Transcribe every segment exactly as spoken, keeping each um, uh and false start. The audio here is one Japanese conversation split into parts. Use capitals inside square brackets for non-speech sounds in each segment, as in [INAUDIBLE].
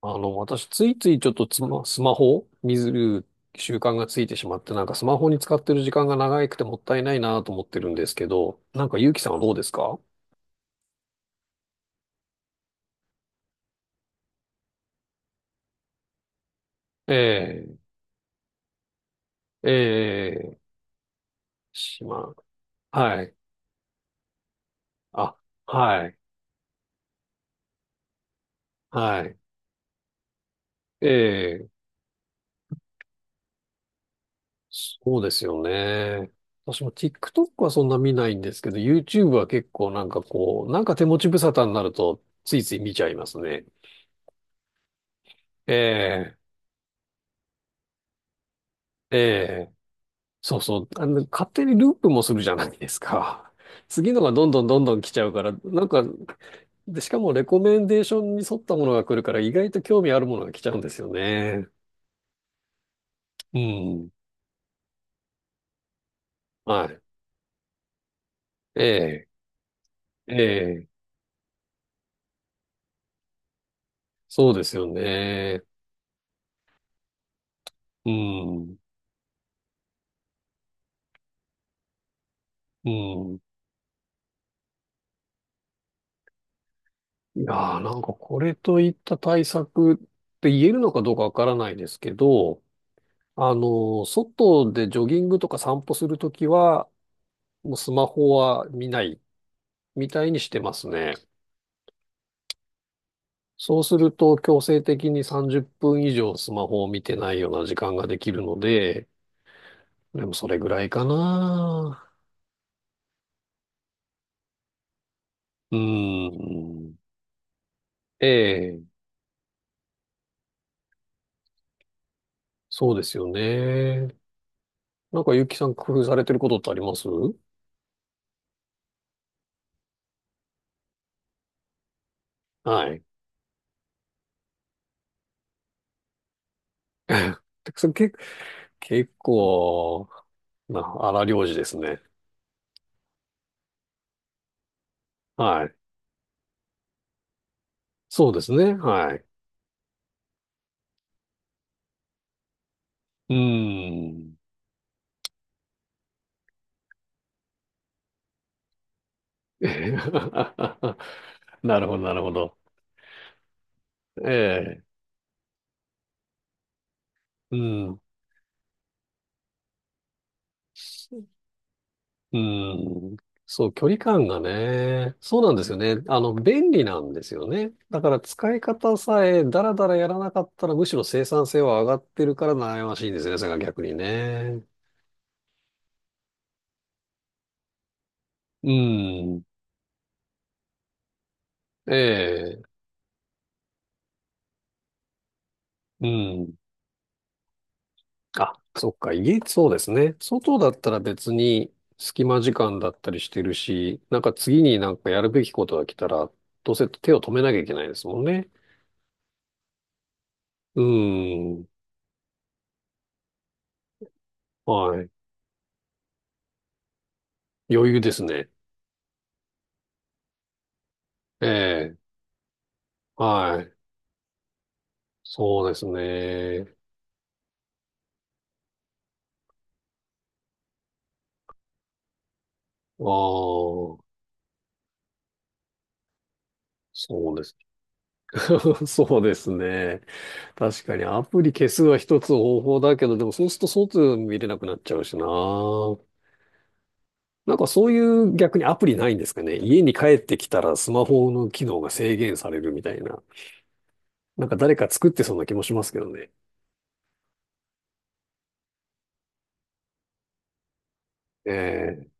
あの、私、ついついちょっとつま、スマホを見る習慣がついてしまって、なんかスマホに使ってる時間が長くてもったいないなと思ってるんですけど、なんか、ゆうきさんはどうですか？ええ、ええ、しま、はい。あ、はい、はい。ええ、そうですよね。私も TikTok はそんな見ないんですけど、YouTube は結構なんかこう、なんか手持ち無沙汰になると、ついつい見ちゃいますね。ええ、えそうそう。あの、勝手にループもするじゃないですか。[LAUGHS] 次のがどんどんどんどん来ちゃうから、なんか、で、しかもレコメンデーションに沿ったものが来るから、意外と興味あるものが来ちゃうんですよね。うん。はい。ええ、ええ、そうですよね。うん。うん。いやー、なんかこれといった対策って言えるのかどうかわからないですけど、あの、外でジョギングとか散歩するときは、もうスマホは見ないみたいにしてますね。そうすると強制的にさんじゅっぷん以上スマホを見てないような時間ができるので、でもそれぐらいかな。うーん。ええ、そうですよね。なんかゆきさん工夫されてることってあります？はい。[LAUGHS] それけ結構な荒療治ですね。はい。そうですね。はい。うーん。[LAUGHS] なるほど、なるほど。ええ。うん。うん。そう、距離感がね、そうなんですよね。あの、便利なんですよね。だから使い方さえダラダラやらなかったらむしろ生産性は上がってるから悩ましいんですよね、それが逆にね。うん。ええ、うん。あ、そっか、家、そうですね。外だったら別に隙間時間だったりしてるし、なんか次になんかやるべきことが来たら、どうせ手を止めなきゃいけないですもんね。うん。はい。余裕ですね。ええ、はい。そうですね。ああ、そうです。[LAUGHS] そうですね。確かにアプリ消すは一つ方法だけど、でもそうすると外見れなくなっちゃうしな。なんかそういう逆にアプリないんですかね。家に帰ってきたらスマホの機能が制限されるみたいな。なんか誰か作ってそうな気もしますけどね。え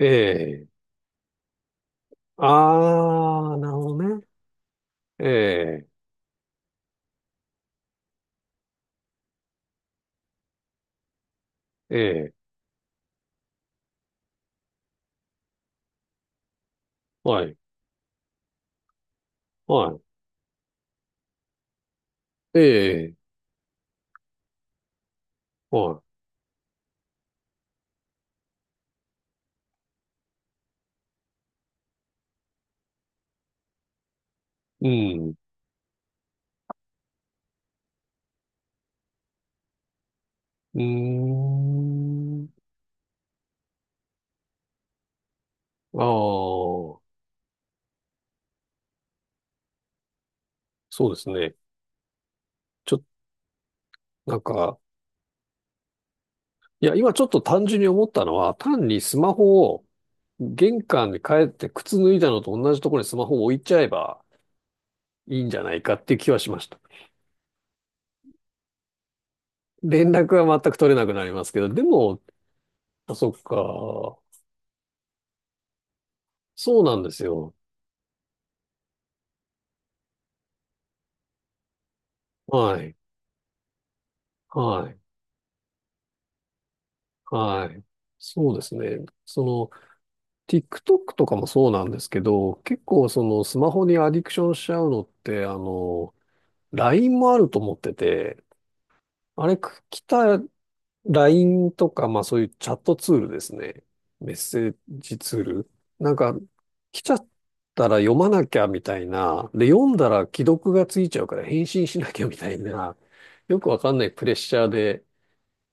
え、ええ。ああ、なるほどね。ええ、ええ、はい、はい、ええ、はい、うん。うーん。ああ、そうですね。ちょ、なんか、いや、今ちょっと単純に思ったのは、単にスマホを玄関に帰って靴脱いだのと同じところにスマホを置いちゃえばいいんじゃないかっていう気はしました。連絡は全く取れなくなりますけど、でも、あ、そっか。そうなんですよ。はい。はい。はい。そうですね。その、TikTok とかもそうなんですけど、結構そのスマホにアディクションしちゃうのって、あの、ライン もあると思ってて、あれ、来た、 ライン とか、まあそういうチャットツールですね。メッセージツール。なんか、来ちゃったら読まなきゃみたいな。で、読んだら既読がついちゃうから返信しなきゃみたいな。よくわかんないプレッシャーで、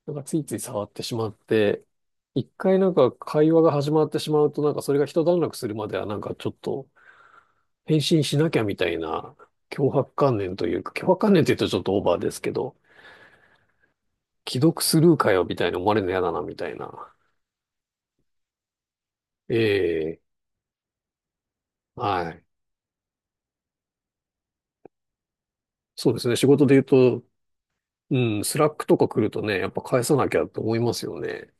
なんかついつい触ってしまって、一回なんか会話が始まってしまうと、なんかそれが一段落するまではなんかちょっと返信しなきゃみたいな脅迫観念というか、脅迫観念って言うとちょっとオーバーですけど、既読スルーかよ、みたいに思われるの嫌だな、みたいな。ええ、はい。そうですね。仕事で言うと、うん、スラックとか来るとね、やっぱ返さなきゃと思いますよね。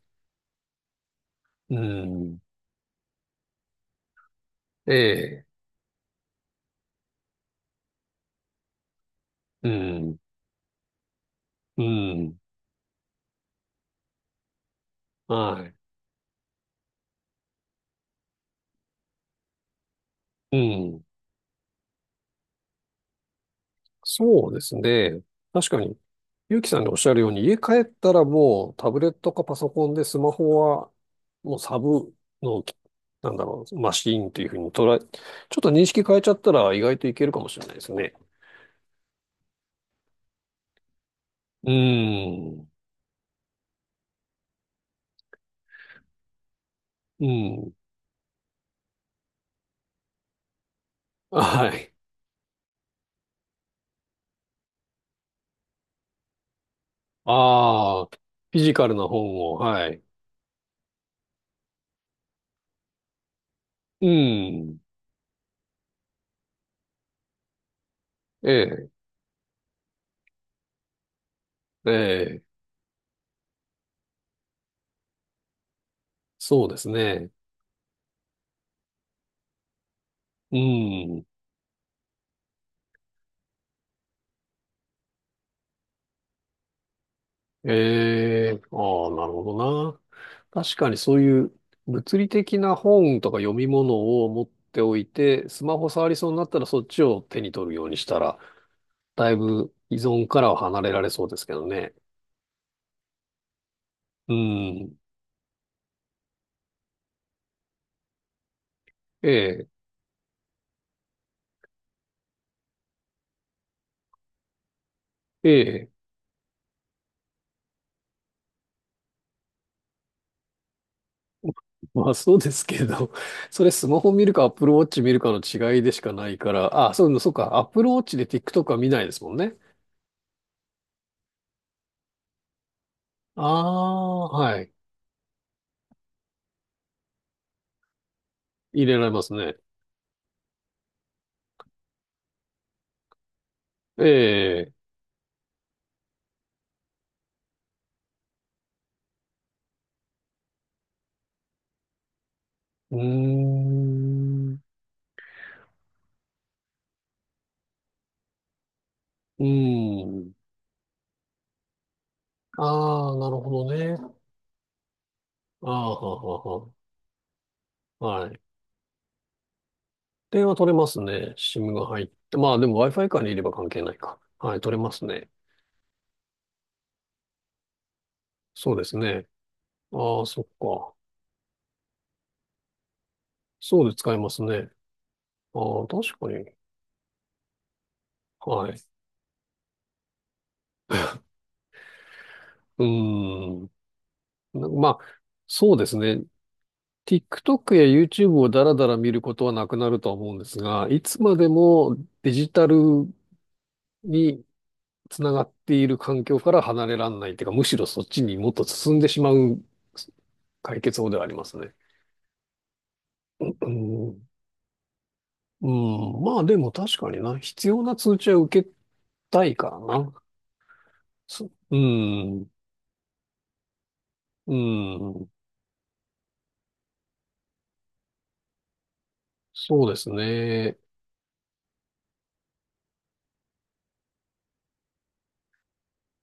うん。ええ、うん、うん、はい。うん。そうですね。確かに、ゆうきさんがおっしゃるように、家帰ったらもうタブレットかパソコンでスマホはもうサブの、なんだろう、マシーンというふうに捉え、ちょっと認識変えちゃったら意外といけるかもしれないですね。うん。うん。はい。ああ、フィジカルな本を、はい。うん。ええ、ええ、そうですね。うん。ええ、ああ、なるほどな。確かにそういう物理的な本とか読み物を持っておいて、スマホ触りそうになったらそっちを手に取るようにしたら、だいぶ依存からは離れられそうですけどね。うん。ええ、ええ。[LAUGHS] まあそうですけど、それスマホ見るか Apple Watch 見るかの違いでしかないから、あ、そう、そうか、Apple Watch で TikTok は見ないですもんね。ああ、はい。入れられますね。ええ、うーん、うーん。ああ、なるほどね。ああ、はははは。はい。電話取れますね。SIM が入って。まあでも Wi-Fi からにいれば関係ないか。はい、取れますね。そうですね。ああ、そっか。そうで使えますね。ああ、確かに。はい。うーん。まあ、そうですね。TikTok や YouTube をだらだら見ることはなくなるとは思うんですが、いつまでもデジタルにつながっている環境から離れらんないというか、むしろそっちにもっと進んでしまう解決法ではありますね。うん、うん、まあでも確かにな、必要な通知は受けたいからな。そうん、うん、そうですね。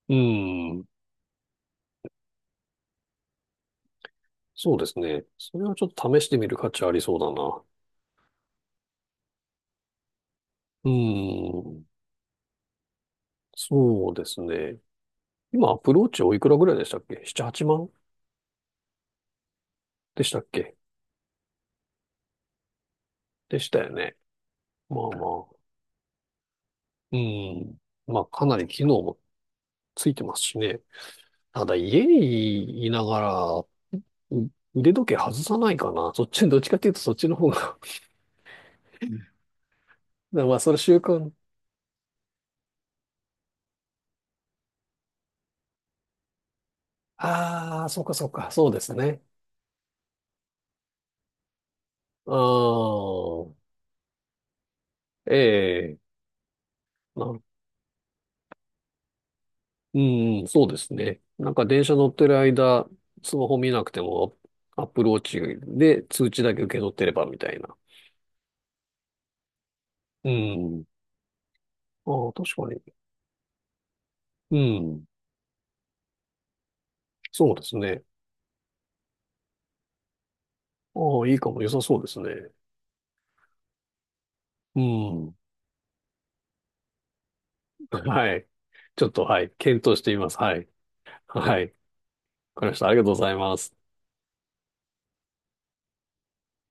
うん。そうですね。それはちょっと試してみる価値ありそうだな。うーん。そうですね。今、アプローチおいくらぐらいでしたっけ？ なな、はちまんでしたっけ？でしたよね。まあまあ。うん。まあ、かなり機能もついてますしね。ただ、家にいながら、う腕時計外さないかな。そっち、どっちかっていうとそっちの方が [LAUGHS] だから [LAUGHS] まあ、それ習慣。ああ、そうかそうか。そうですね。ああ、ええ。なうん、そうですね。なんか電車乗ってる間、スマホ見なくても、アップルウォッチで通知だけ受け取ってればみたいな。うん。ああ、確かに。うん。そうですね。ああ、いいかも。良さそうですね。うん。はい。ちょっと、はい。検討してみます。はい。はい。わかりました。ありがとうございます。